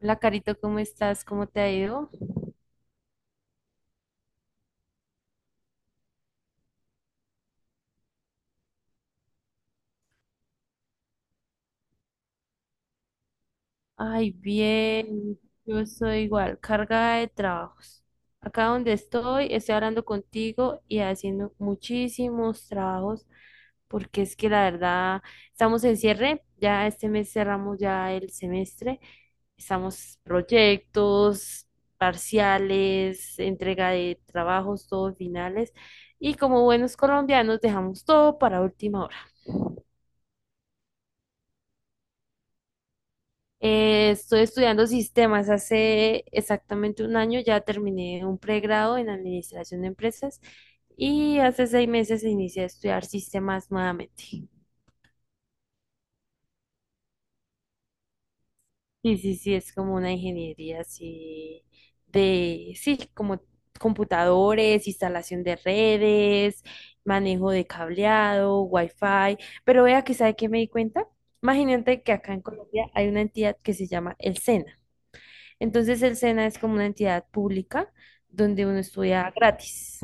Hola, Carito, ¿cómo estás? ¿Cómo te ha ido? Ay, bien, yo estoy igual, carga de trabajos. Acá donde estoy, estoy hablando contigo y haciendo muchísimos trabajos, porque es que la verdad, estamos en cierre, ya este mes cerramos ya el semestre, estamos proyectos, parciales, entrega de trabajos, todos finales, y como buenos colombianos dejamos todo para última hora. Estoy estudiando sistemas. Hace exactamente un año ya terminé un pregrado en administración de empresas y hace 6 meses inicié a estudiar sistemas nuevamente. Sí sí, sí, es como una ingeniería así sí, como computadores, instalación de redes, manejo de cableado, wifi. Pero vea que, ¿sabe qué me di cuenta? Imagínate que acá en Colombia hay una entidad que se llama el SENA. Entonces el SENA es como una entidad pública donde uno estudia gratis.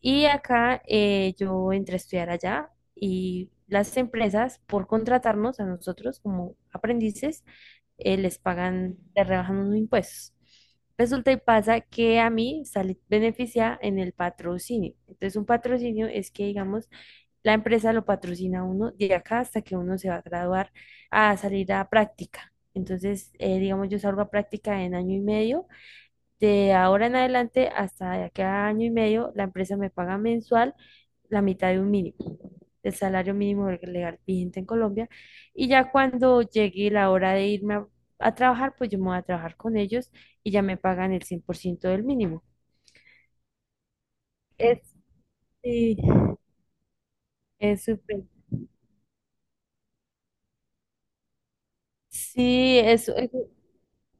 Y acá yo entré a estudiar allá y las empresas por contratarnos a nosotros como aprendices les pagan, les rebajan unos impuestos. Resulta y pasa que a mí salí beneficia en el patrocinio. Entonces un patrocinio es que digamos la empresa lo patrocina a uno de acá hasta que uno se va a graduar a salir a práctica. Entonces, digamos, yo salgo a práctica en año y medio. De ahora en adelante hasta de acá a año y medio, la empresa me paga mensual la mitad de un mínimo, del salario mínimo legal vigente en Colombia. Y ya cuando llegue la hora de irme a trabajar, pues yo me voy a trabajar con ellos y ya me pagan el 100% del mínimo. Es, sí, es súper. Sí, eso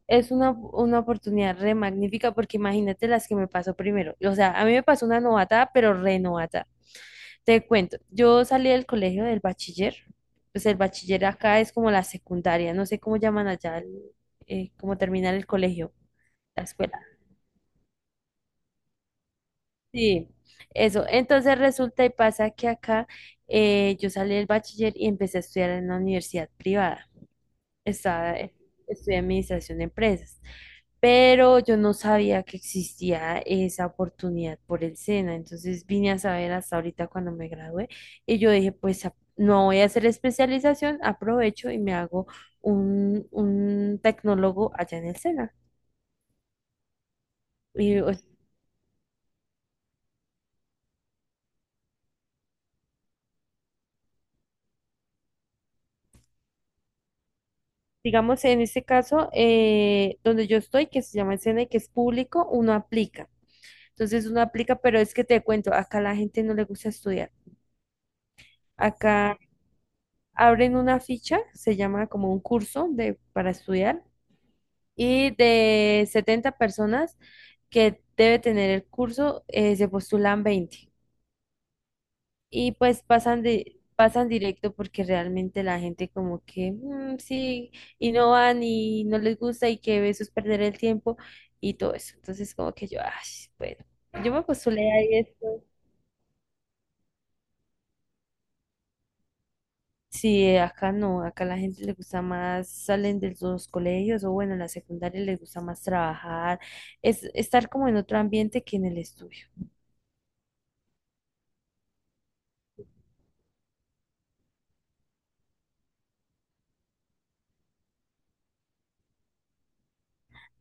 es una, oportunidad re magnífica porque imagínate las que me pasó primero. O sea, a mí me pasó una novatada, pero re novatada. Te cuento, yo salí del colegio del bachiller. Pues el bachiller acá es como la secundaria, no sé cómo llaman allá, cómo terminar el colegio, la escuela. Sí, eso. Entonces resulta y pasa que acá yo salí del bachiller y empecé a estudiar en la universidad privada. Estaba, eh, Estudié administración de empresas. Pero yo no sabía que existía esa oportunidad por el SENA, entonces vine a saber hasta ahorita cuando me gradué y yo dije, pues no voy a hacer especialización, aprovecho y me hago un, tecnólogo allá en el SENA. Y, o- digamos, en este caso, donde yo estoy, que se llama el SENA y que es público, uno aplica. Entonces uno aplica, pero es que te cuento, acá la gente no le gusta estudiar. Acá abren una ficha, se llama como un curso de, para estudiar y de 70 personas que debe tener el curso, se postulan 20 y pues pasan directo porque realmente la gente como que "Mm, sí y no van y no les gusta y que eso es perder el tiempo y todo eso". Entonces como que yo, ay, bueno, yo me postulé ahí esto. Sí, acá no, acá la gente le gusta más, salen de los colegios o bueno, en la secundaria les gusta más trabajar, es estar como en otro ambiente que en el estudio.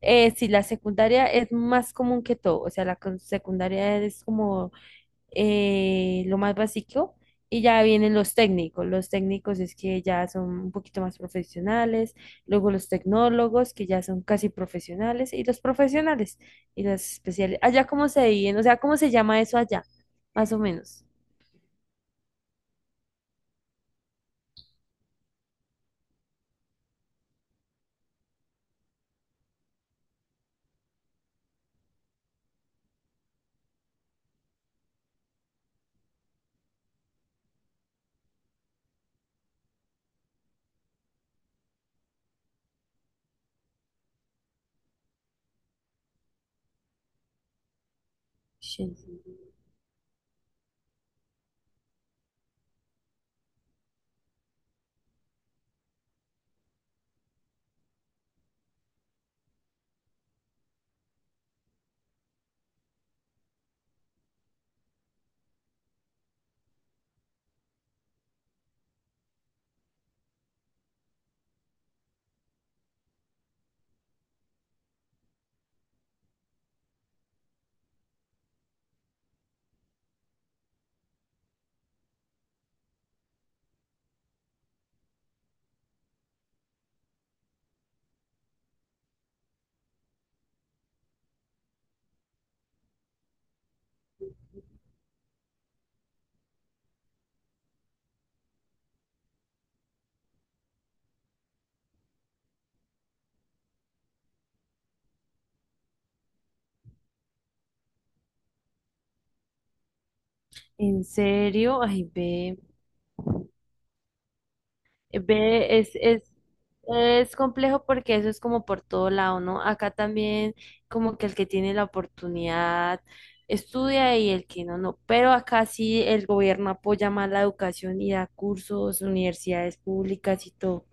Sí, la secundaria es más común que todo, o sea, la secundaria es como lo más básico y ya vienen los técnicos es que ya son un poquito más profesionales, luego los tecnólogos que ya son casi profesionales y los especiales. Allá cómo se dividen, o sea, cómo se llama eso allá, más o menos. Shen- ¿En serio? Ay, ve, ve, es complejo porque eso es como por todo lado, ¿no? Acá también como que el que tiene la oportunidad estudia y el que no, no. Pero acá sí el gobierno apoya más la educación y da cursos, universidades públicas y todo.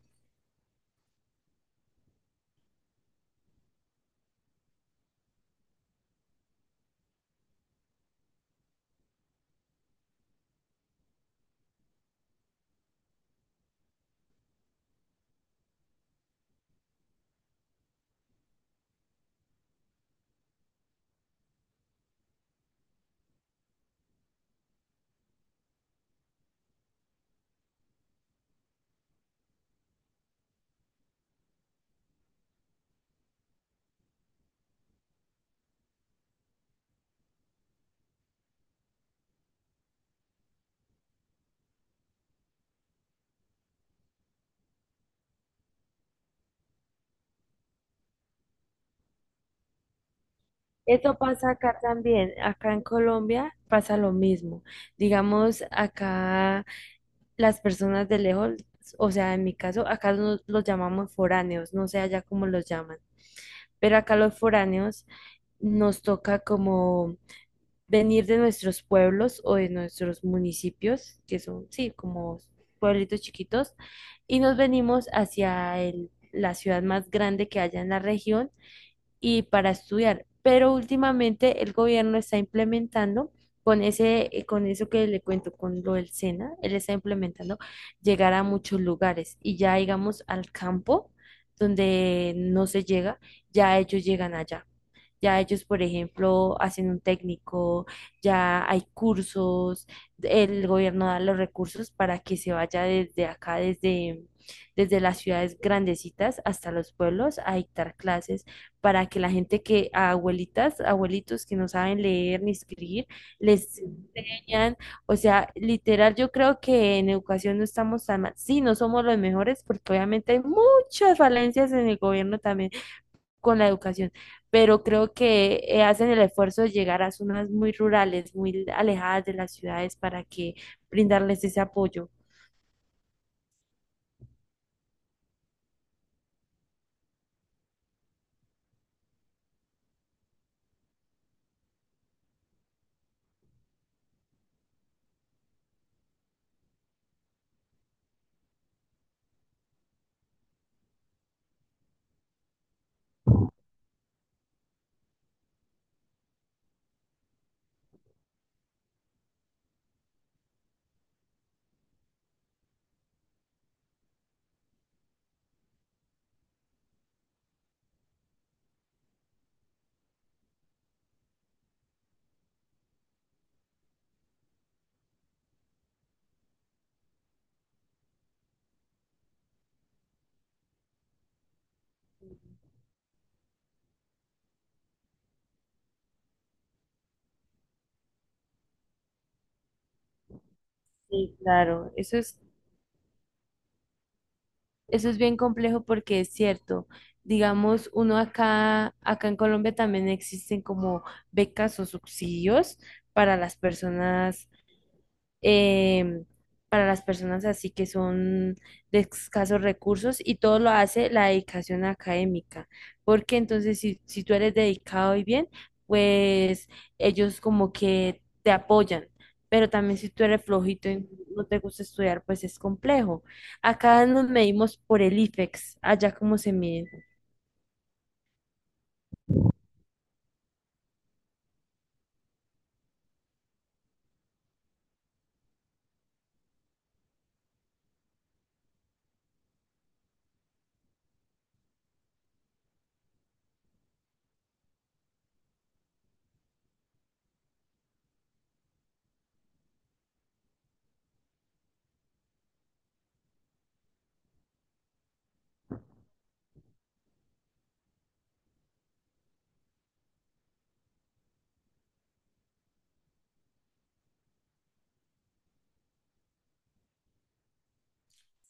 Esto pasa acá también. Acá en Colombia pasa lo mismo. Digamos, acá las personas de lejos, o sea, en mi caso, acá los llamamos foráneos, no sé allá cómo los llaman, pero acá los foráneos nos toca como venir de nuestros pueblos o de nuestros municipios, que son, sí, como pueblitos chiquitos, y nos venimos hacia la ciudad más grande que haya en la región y para estudiar. Pero últimamente el gobierno está implementando con ese, con eso que le cuento, con lo del SENA, él está implementando llegar a muchos lugares y ya llegamos al campo donde no se llega, ya ellos llegan allá. Ya ellos, por ejemplo, hacen un técnico, ya hay cursos, el gobierno da los recursos para que se vaya desde acá, desde las ciudades grandecitas hasta los pueblos a dictar clases para que la gente que, a abuelitas, abuelitos que no saben leer ni escribir, les enseñan. O sea, literal, yo creo que en educación no estamos tan mal. Sí, no somos los mejores porque obviamente hay muchas falencias en el gobierno también, con la educación, pero creo que hacen el esfuerzo de llegar a zonas muy rurales, muy alejadas de las ciudades para que brindarles ese apoyo. Sí, claro, eso es bien complejo porque es cierto. Digamos, uno acá, acá en Colombia también existen como becas o subsidios para las personas eh, para las personas así que son de escasos recursos y todo lo hace la dedicación académica, porque entonces si tú eres dedicado y bien, pues ellos como que te apoyan, pero también si tú eres flojito y no te gusta estudiar, pues es complejo. Acá nos medimos por el IFEX, allá como se mide.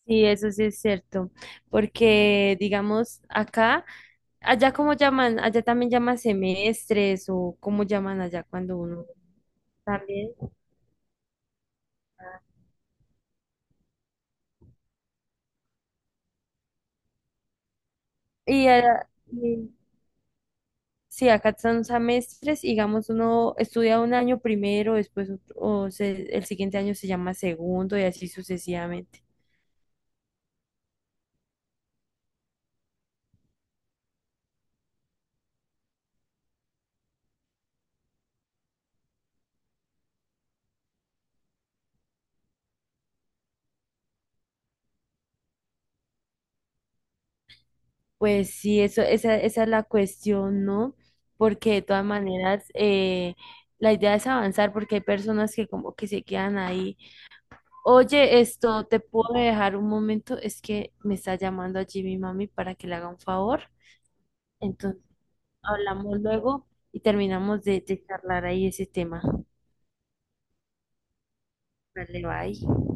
Sí, eso sí es cierto, porque digamos acá allá cómo llaman, allá también llaman semestres o cómo llaman allá cuando uno también. Y, allá- y- sí, acá son semestres, digamos, uno estudia un año primero, después el siguiente año se llama segundo y así sucesivamente. Pues sí, esa es la cuestión, ¿no? Porque de todas maneras, la idea es avanzar porque hay personas que como que se quedan ahí. Oye, esto, ¿te puedo dejar un momento? Es que me está llamando allí mi mami para que le haga un favor. Entonces, hablamos luego y terminamos de charlar ahí ese tema. Vale, bye.